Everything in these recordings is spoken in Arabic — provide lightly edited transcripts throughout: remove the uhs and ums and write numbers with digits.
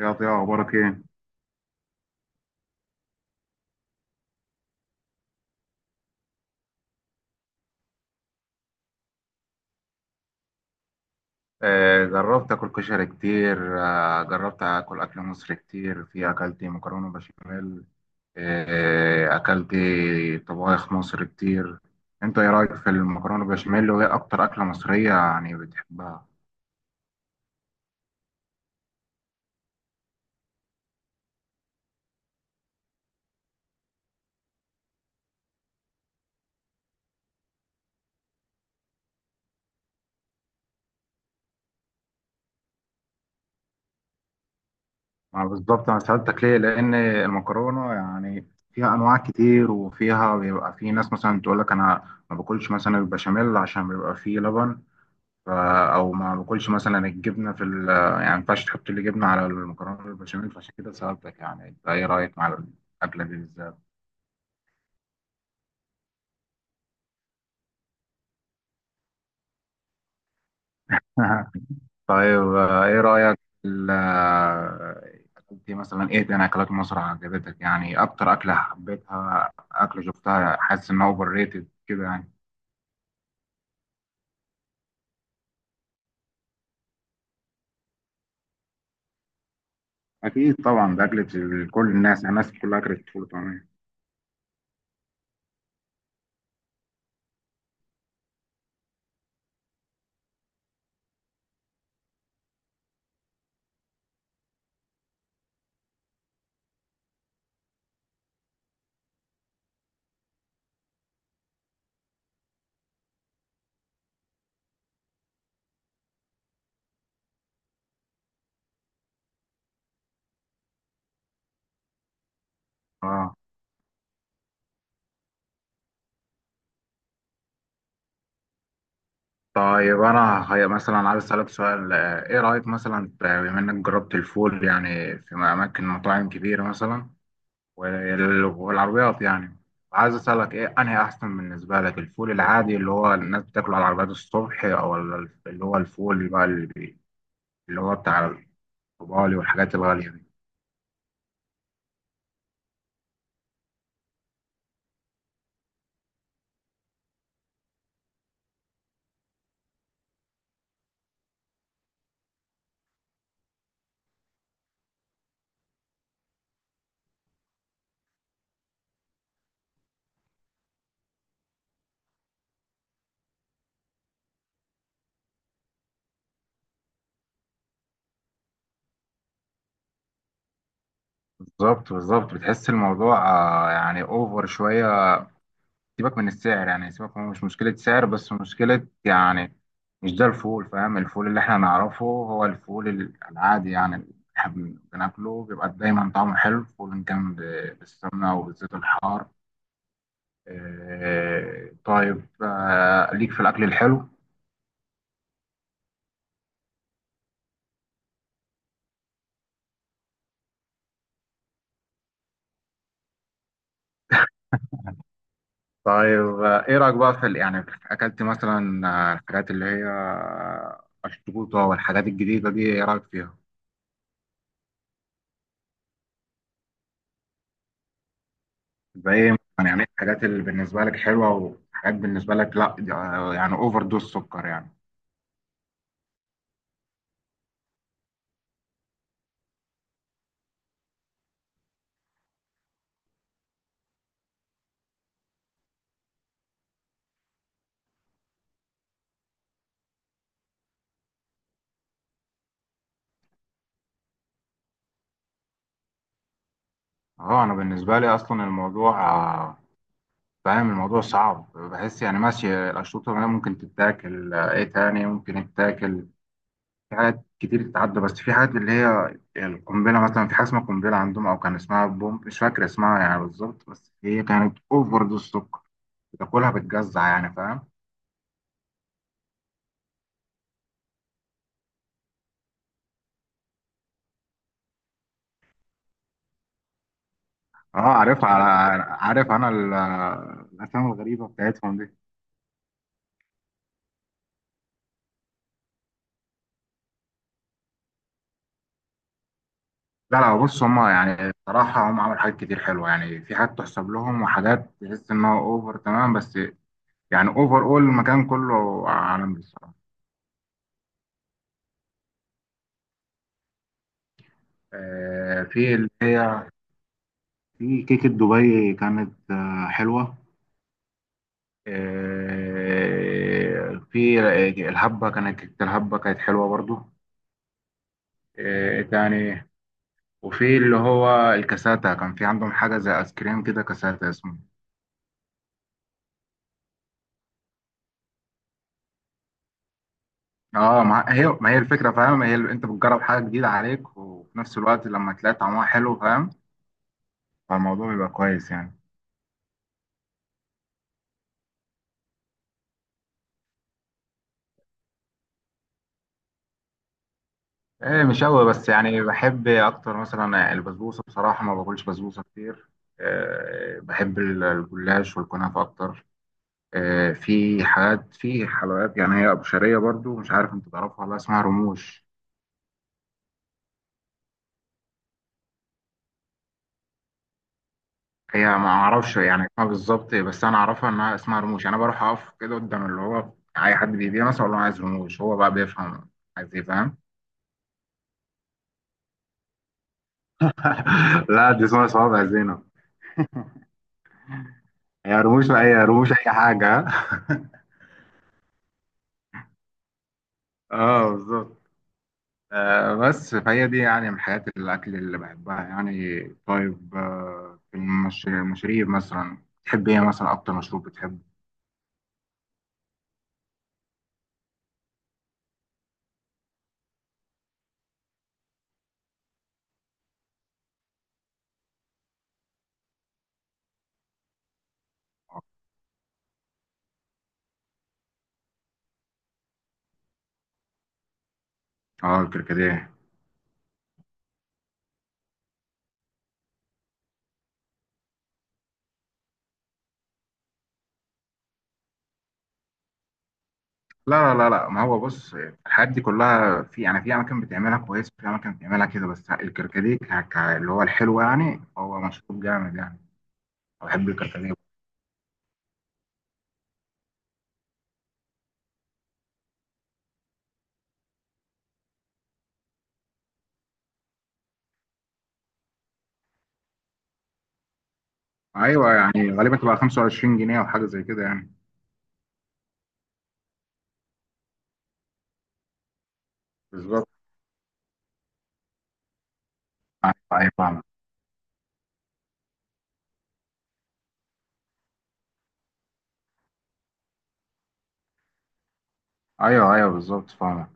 يا ضياء، اخبارك ايه؟ آه جربت اكل كشري كتير. آه جربت اكل مصري كتير. في اكلت مكرونه بشاميل. آه اكلت طبايخ مصر كتير. انت ايه رايك في المكرونه بشاميل؟ وايه اكتر اكله مصريه يعني بتحبها؟ ما بالظبط انا سالتك ليه، لان المكرونه يعني فيها انواع كتير، وفيها بيبقى في ناس مثلا تقول لك: انا ما باكلش مثلا البشاميل عشان بيبقى فيه لبن. ف- او ما باكلش مثلا الجبنه في ال يعني ما ينفعش تحط لي جبنه على المكرونه البشاميل. فعشان كده سالتك، يعني انت ايه رايك مع الاكله دي بالذات؟ طيب، آه، ايه رايك في ال- آه، انت مثلا ايه تاني اكلات مصر عجبتك؟ يعني اكتر اكله حبيتها، اكله شفتها حاسس انها اوفر ريتد كده يعني. اكيد طبعا، ده اكله كل الناس. يعني الناس كلها اكلت فول وطعميه. اه طيب، انا هي مثلا عايز اسالك سؤال. ايه رايك مثلا بما انك جربت الفول يعني في اماكن مطاعم كبيره مثلا والعربيات يعني. عايز اسالك ايه انهي احسن بالنسبه لك؟ الفول العادي اللي هو الناس بتاكله على العربيات الصبح، او اللي هو الفول بقى اللي هو بتاع الطبالي والحاجات الغاليه دي؟ بالظبط بالظبط، بتحس الموضوع يعني اوفر شويه. سيبك من السعر، يعني سيبك من مش مشكلة سعر بس مشكلة يعني، مش ده الفول فاهم. الفول اللي احنا نعرفه هو الفول العادي يعني، اللي احنا بناكله بيبقى دايما طعمه حلو، فول إن كان بالسمنة أو بالزيت الحار. طيب، ليك في الأكل الحلو. طيب، إيه رأيك بقى في ال- يعني في- أكلت مثلا آه، الحاجات اللي هي الشطوطة والحاجات الجديدة دي؟ إيه رأيك فيها؟ يبقى ايه يعني الحاجات اللي بالنسبه لك حلوه، وحاجات بالنسبه لك لا؟ يعني اوفر دوز سكر يعني. اه انا بالنسبه لي اصلا الموضوع فاهم الموضوع صعب. بحس يعني ماشي الاشروط الغذائيه ممكن تتاكل، ايه تاني ممكن يتاكل؟ في حاجات كتير تتعدى، بس في حاجات اللي هي القنبله مثلا. في حاجه اسمها قنبله عندهم او كان اسمها بوم، مش فاكر اسمها يعني بالظبط، بس هي كانت اوفر دوز سكر. بتاكلها بتجزع يعني، فاهم؟ اه عارف، على عارف انا الافلام الغريبه بتاعتهم دي. لا لا، بص هما يعني الصراحة هم عملوا حاجات كتير حلوة. يعني في حاجات تحسب لهم، وحاجات تحس إنها أوفر تمام، بس يعني أوفر. أول المكان كله عالمي الصراحة. آه، في اللي هي، في كيكة دبي كانت آه حلوة. آه في الهبة، كانت كيكة الهبة كانت حلوة برضو. آه تاني، وفي اللي هو الكاساتا، كان في عندهم حاجة زي آيس كريم كده كاساتا اسمه. اه هي ما هي الفكره فاهم. هي انت بتجرب حاجه جديده عليك، وفي نفس الوقت لما تلاقي طعمها حلو فاهم، فالموضوع بيبقى كويس يعني. ايه مش قوي، بس يعني بحب اكتر مثلا البسبوسه. بصراحه ما باكلش بسبوسه كتير. إيه بحب الجلاش والكنافه اكتر. إيه في حاجات، في حلويات يعني، هي ابو شعريه برضو. مش عارف انت تعرفها ولا لأ، اسمها رموش. هي ما اعرفش يعني اسمها بالظبط، بس انا اعرفها انها اسمها رموش. يعني انا بروح اقف كده قدام اللي هو اي حد بيبيع مثلا، اقول له أنا عايز رموش. هو بقى بيفهم عايز ايه، فاهم؟ لا دي اسمها صوابع زينب. هي رموش اي رموش اي حاجه. اه بالظبط. آه بس، فهي دي يعني من حياة الأكل اللي بحبها يعني. طيب، آه في المشاريب مثلا، تحب إيه مثلا؟ أكتر مشروب بتحبه؟ آه الكركديه. لا لا لا لا، ما هو بص الحاجات دي كلها، في يعني في اماكن بتعملها كويس وفي اماكن بتعملها كده. بس الكركديه اللي هو الحلو يعني، هو مشروب جامد يعني. أنا بحب الكركديه. ايوه، يعني غالبا تبقى 25 جنيه او حاجه زي كده يعني. بالظبط. ايوه أيوة، فاهمك. ايوه ايوه بالظبط، فاهمك.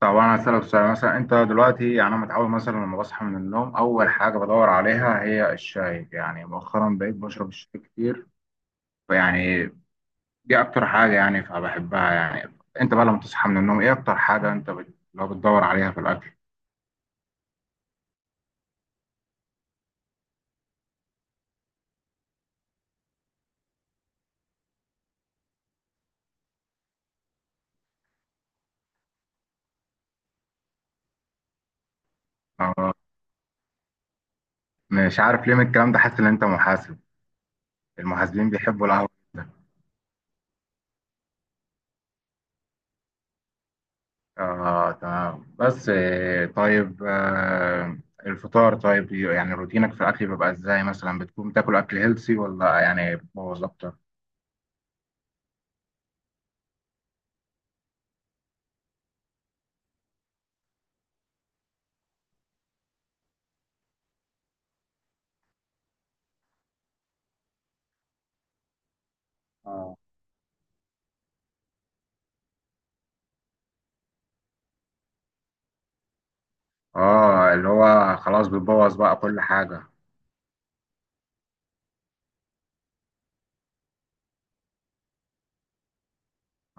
طب انا هسألك سؤال، مثلا انت دلوقتي، يعني انا متعود مثلا لما بصحى من النوم اول حاجه بدور عليها هي الشاي. يعني مؤخرا بقيت بشرب الشاي كتير يعني. دي اكتر حاجه يعني، فبحبها يعني. انت بقى لما تصحى من النوم، ايه اكتر حاجه انت لو بتدور عليها في الاكل؟ آه، مش عارف ليه من الكلام ده حاسس ان انت محاسب. المحاسبين بيحبوا القهوه جدا. اه تمام. بس الفطار. طيب، يعني روتينك في الاكل بيبقى ازاي؟ مثلا بتكون بتاكل اكل هيلسي، ولا يعني بتبوظ اكتر؟ اه. اه، اللي هو خلاص بتبوظ بقى كل حاجه.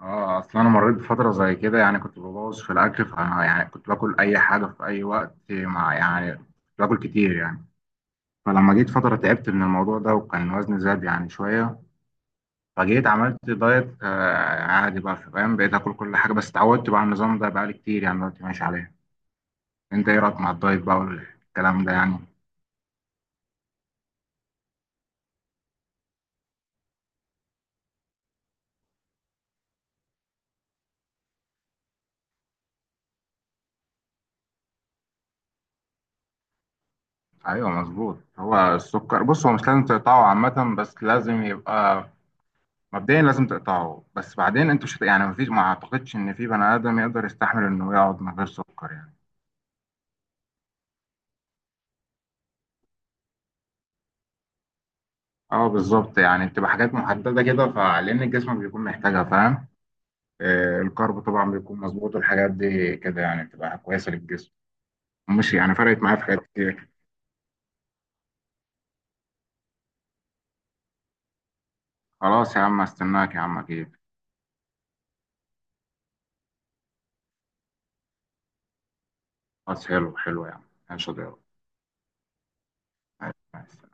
اه اصل انا مريت بفتره زي كده، يعني كنت ببوظ في الاكل. ف يعني كنت باكل اي حاجه في اي وقت، مع يعني كنت باكل كتير يعني. فلما جيت فتره تعبت من الموضوع ده، وكان وزني زاد يعني شويه. فجيت عملت دايت آه عادي بقى فاهم. بقيت اكل كل حاجه بس اتعودت بقى على النظام ده، بقالي كتير يعني دلوقتي ماشي عليه. انت ايه رايك مع الدايت بقى والكلام ده يعني؟ ايوه مظبوط. هو السكر بص هو مش لازم تقطعه عامه، بس لازم يبقى مبدئيا لازم تقطعه. بس بعدين انتوا مش هت- يعني مفيش ما اعتقدش ان في بني ادم يقدر يستحمل انه يقعد من غير سكر يعني. اه بالظبط، يعني بتبقى حاجات محدده كده، فلان الجسم بيكون محتاجها فاهم. آه الكارب طبعا بيكون مظبوط، والحاجات دي كده يعني بتبقى كويسه للجسم. مش يعني فرقت معايا في حاجات كتير. خلاص يا عم، استناك يا عم اكيد. خلاص، حلو حلو يا عم. ماشي يا ضياء. ماشي.